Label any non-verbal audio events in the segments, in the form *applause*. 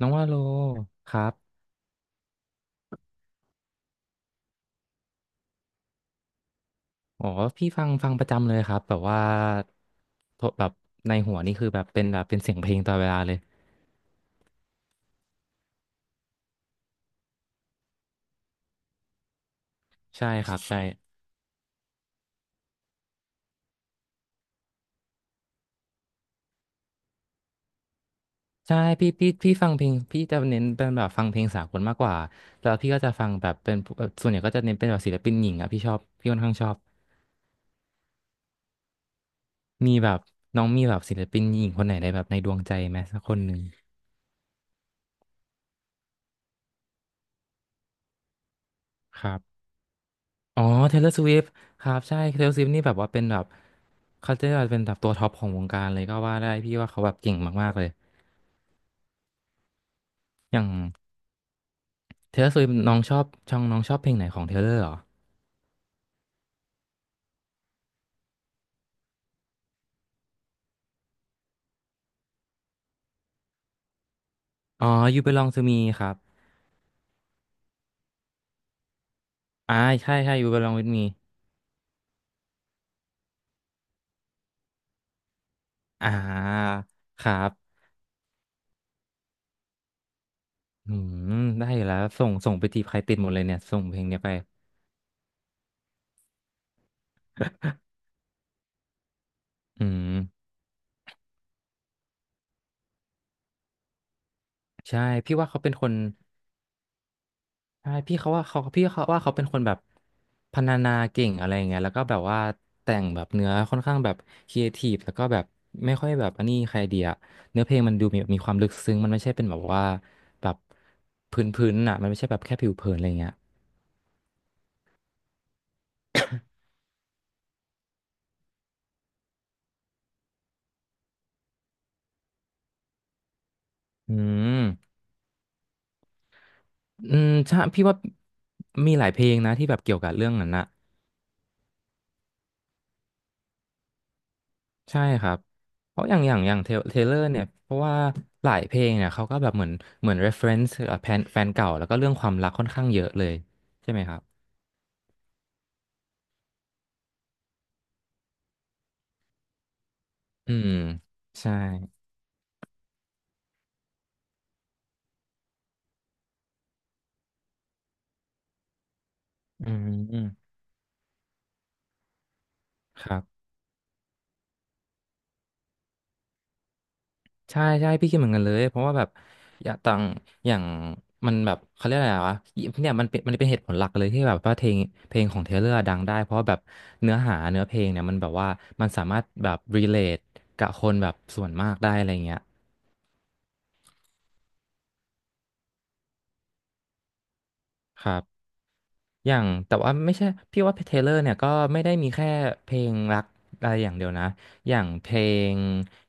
น้องว่าโลครับอ๋อพี่ฟังประจำเลยครับแบบว่าโทรแบบในหัวนี่คือแบบเป็นแบบเป็นเสียงเพลงตลอดเวลาเลยใช่ครับใช่ใช่พี่ฟังเพลงพี่จะเน้นเป็นแบบฟังเพลงสากลมากกว่าแล้วพี่ก็จะฟังแบบเป็นพวกส่วนใหญ่ก็จะเน้นเป็นแบบศิลปินหญิงอ่ะพี่ชอบพี่ค่อนข้างชอบมีแบบน้องมีแบบศิลปินหญิงคนไหนในแบบในดวงใจไหมสักคนหนึ่งครับ อ๋อ Taylor Swift ครับใช่ Taylor Swift นี่แบบว่าเป็นแบบเขาจะเป็นแบบตัวท็อปของวงการเลยก็ว่าได้พี่ว่าเขาแบบเก่งมากๆเลยอย่าง Taylor Swift น้องชอบช่องน้องชอบเพลงไหนของ Taylor เหรออ๋อ You Belong to Me ครับอ่าใช่ใช่ You Belong with Me อ่าครับอืมได้อยู่แล้วส่งส่งไปจีบใครติดหมดเลยเนี่ยส่งเพลงเนี้ยไปอืมใช่พี่ว่าเขาเป็นคน ใช่พี่เขาว่าเขาพี่เขาว่าเขาเป็นคนแบบพรรณนาเก่งอะไรอย่างเงี้ยแล้วก็แบบว่าแต่งแบบเนื้อค่อนข้างแบบครีเอทีฟแล้วก็แบบไม่ค่อยแบบอันนี้ใครเดียเนื้อเพลงมันดูมีความลึกซึ้งมันไม่ใช่เป็นแบบว่าแบบพื้นๆน่ะมันไม่ใช่แบบแค่ผิวเผินอะไรเงี้ยอืมอืมใช่พี่ว่ามีหลายเพลงนะที่แบบเกี่ยวกับเรื่องนั้นนะ ใช่ครับ เพราะอย่างเทเลอร์เนี่ยเพราะว่าหลายเพลงเนี่ยเขาก็แบบเหมือนเหมือน reference กับแฟนเก่าแล้วก็เรื่องความรักค่อนข้างเยอะเลยใช่ไหมครับอืมใช่อืมครับใช่ใช่พี่คิดเหมือนกันเลยเพราะว่าแบบอย่างต่างอย่างมันแบบเขาเรียกอะไรวะเนี่ยมันเป็นมันเป็นเหตุผลหลักเลยที่แบบว่าเพลงเพลงของเทเลอร์ดังได้เพราะว่าแบบเนื้อหาเนื้อเพลงเนี่ยมันแบบว่ามันสามารถแบบ relate กับคนแบบส่วนมากได้อะไรเงี้ยครับ อย่างแต่ว่าไม่ใช่พี่ว่าเทเลอร์เนี่ยก็ไม่ได้มีแค่เพลงรักอะไรอย่างเดียวนะอย่างเพลง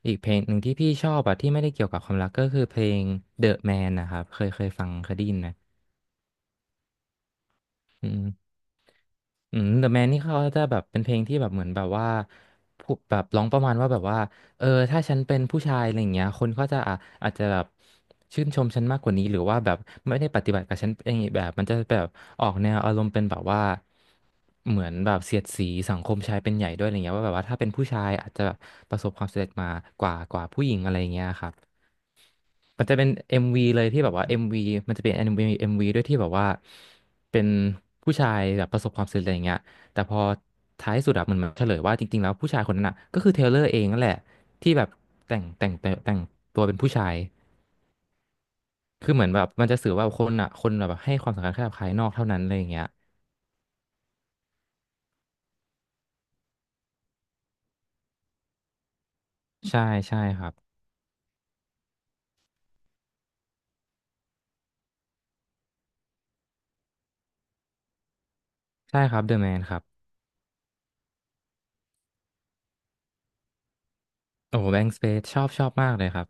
อีกเพลงหนึ่งที่พี่ชอบอะที่ไม่ได้เกี่ยวกับความรักก็คือเพลง The Man นะครับเคยฟังเคยได้ยินไหมอืม อืม The Man นี่เขาจะแบบเป็นเพลงที่แบบเหมือนแบบว่าพูดแบบร้องประมาณว่าแบบว่าเออถ้าฉันเป็นผู้ชายอะไรอย่างเงี้ยคนก็จะอ่ะอาจจะแบบชื่นชมฉันมากกว่านี้หรือว่าแบบไม่ได้ปฏิบัติกับฉันอย่างงี้แบบมันจะแบบออกแนวอารมณ์เป็นแบบว่าเหมือนแบบเสียดสีสังคมชายเป็นใหญ่ด้วยอะไรเงี้ยว่าแบบว่าถ้าเป็นผู้ชายอาจจะประสบความสำเร็จมากว่ากว่าผู้หญิงอะไรอย่างเงี้ยครับ มันจะเป็น MV เลยที่แบบว่าเอ็มวีมันจะเป็น MV วีเอ็มวีด้วยที่แบบว่าเป็นผู้ชายแบบประสบความสำเร็จอะไรอย่างเงี้ยแต่พอท้ายสุดอะมันมาเฉลยว่าจริงๆแล้วผู้ชายคนนั้นอะก็คือเทย์เลอร์เองนั่นแหละที่แบบแต่งตัวเป็นผู้ชายคือเหมือนแบบมันจะสื่อว่าคนอะคนแบบให้ความสำคัญแค่กับภายนอกเท่านั้นอะไรอย่างเงี้ยใช่ใช่ครับใช่ครับเดอะแมนครับโอ้แบงค์สเปซชอบมากเลยครับ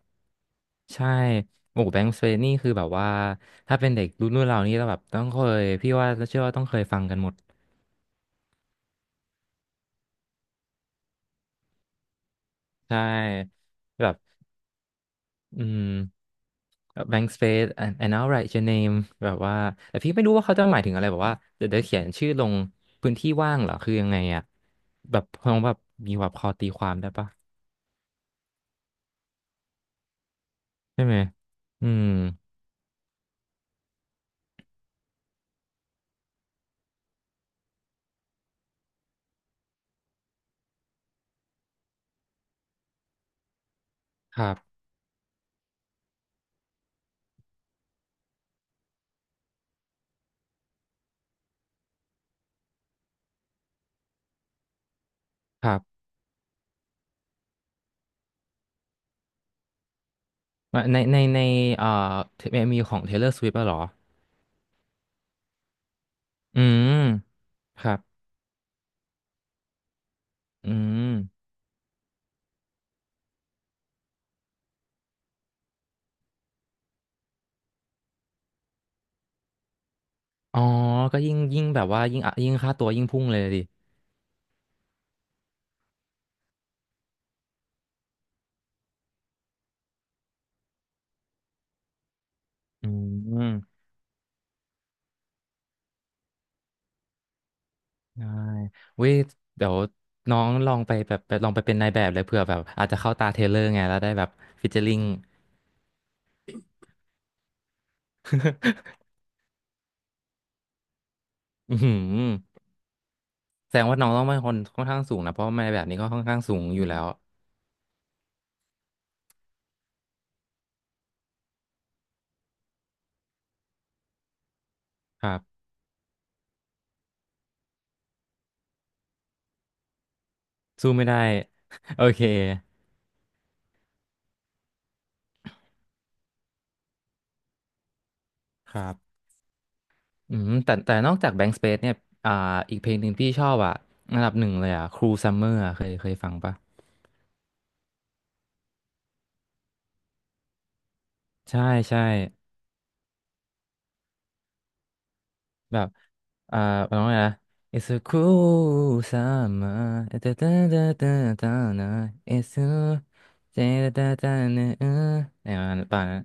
ใช่ โอ้แบงค์สเฟนี่คือแบบว่า ถ้าเป็นเด็กรุ่นเรานี่เราแบบต้องเคยพี่ว่าเชื่อว่าต้องเคยฟังกันหมด ใช่ แบบ อืม แบงค์สเปซ and I'll write your name แบบว่า แต่พี่ไม่รู้ว่าเขาจะหมายถึงอะไร แบบว่า เดี๋ยวเขียนชื่อลงพื้นที่ว่างเหรอ คือยังไงอะแบบคงแบบมีแบบพอตีความได้ปะใช่ไหม อืม ครับ ครับในเอ่อเอ็มวีของ Taylor Swift อะเหรออืมครับอืม อ๋อก็ยิ่งแบบว่ายิ่งอ่ะยิ่งค่าตัวยิ่งพุ่งเลยดิ อืมได้เว้ยเดี๋ยวน้องลองไปแบบไปลองไปเป็นนายแบบเลยเผื่อแบบอาจจะเข้าตาเทเลอร์ไงแล้วได้แบบฟิชเจ *laughs* อริง *laughs* อือหือแสดงว่าน้องต้องเป็นคนค่อนข้างสูงนะเพราะว่านายแบบนี้ก็ค่อนข้างสูงอยู่แล้ว ครับสู้ไม่ได้ *laughs* โอเค ครับอืมแต่นอกจาก Bank Space เนี่ยอ่าอีกเพลงหนึ่งพี่ชอบอ่ะอันดับหนึ่งเลยอ่ะ Cruel Summer อะเคยฟังปะใช่ใช่ แบบ อ่าร้องไงนะ It's a cool summer ตาตาตาตาตานะ It's a ตาตาตานะเออเนี่ยมันป่ะนะ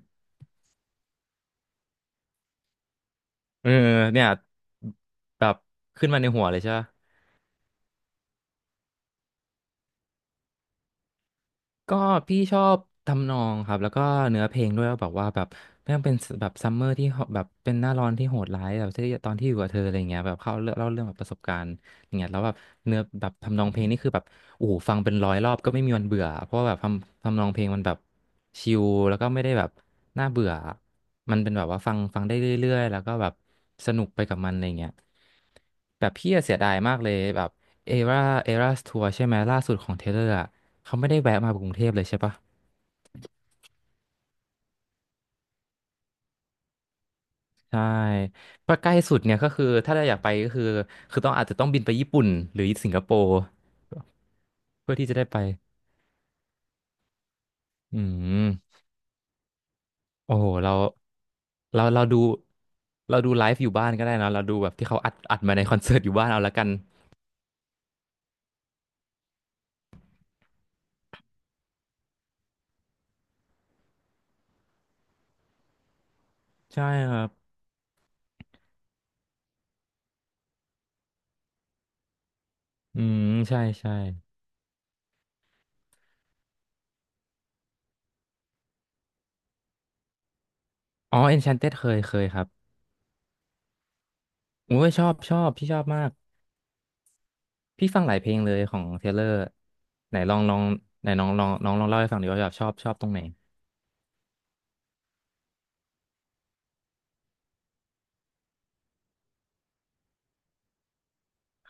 เออเนี่ย แบบ ขึ้นมาในหัวเลยใช่ปะ ก็พี่ชอบทำนองครับแล้วก็เนื้อเพลงด้วยว่าแบบว่าแบบไม่ต้องเป็นแบบซัมเมอร์ที่แบบเป็นหน้าร้อนที่โหดร้ายแบบที่ตอนที่อยู่กับเธออะไรเงี้ยแบบเข้าเล่าเรื่องแบบประสบการณ์อย่างเงี้ยแล้วแบบเนื้อแบบทำนองเพลงนี่คือแบบโอ้โหฟังเป็นร้อยรอบก็ไม่มีวันเบื่อเพราะว่าแบบทำนองเพลงมันแบบชิลแล้วก็ไม่ได้แบบน่าเบื่อมันเป็นแบบว่าฟังได้เรื่อยๆแล้วก็แบบสนุกไปกับมันอะไรเงี้ยแบบพี่อะเสียดายมากเลยแบบเอราเอราทัวร์ใช่ไหมล่าสุดของเทเลอร์ เขาไม่ได้แวะมากรุงเทพเลยใช่ปะใช่ก็ใกล้สุดเนี่ยก็คือถ้าเราอยากไปก็คือต้องอาจจะต้องบินไปญี่ปุ่นหรือสิงคโปร์เพื่อที่จะได้ไปอืมโอ้โหเราเราดูเราดูไลฟ์อยู่บ้านก็ได้นะเราดูแบบที่เขาอัดมาในคอนเสิร์ตอยู่บ้านเอาละกันใช่ครับอืมใช่ใช่อ๋อ Enchanted เคยครับโอ้ยชอบพี่ชอบมากพี่ฟังหลายเพลงเลยของเทเลอร์ไหนลองไหนน้องลองเล่าให้ฟังดีว่าแบบชอบตรงไหน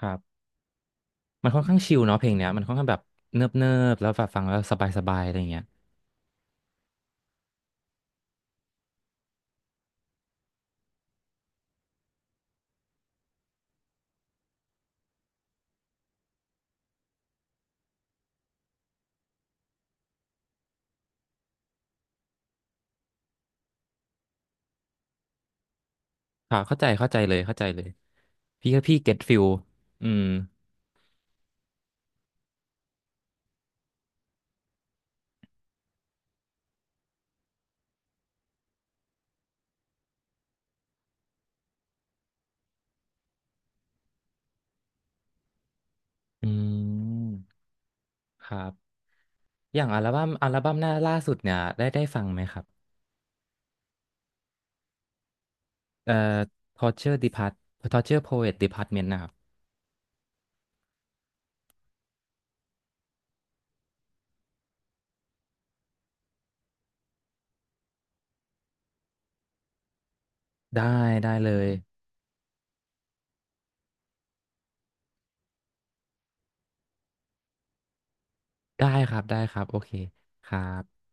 ครับ มันค่อนข้างชิลเนาะเพลงเนี้ยมันค่อนข้างแบบเนิบแล้วแบบฟังแล้วสบายสบายอะไรเงี้ยค่ะเข้าใจเลยเข้าใจเลยพี่ก็พี่เก็ตฟิลอืมอืมครับอย่างอัลบั้มหน้าล่าสุดเนี่ยได้ฟังไหมครับเอ่อ Torture Depart Torture Poet Department นะครับได้ได้เลยได้ครับโอเคครับ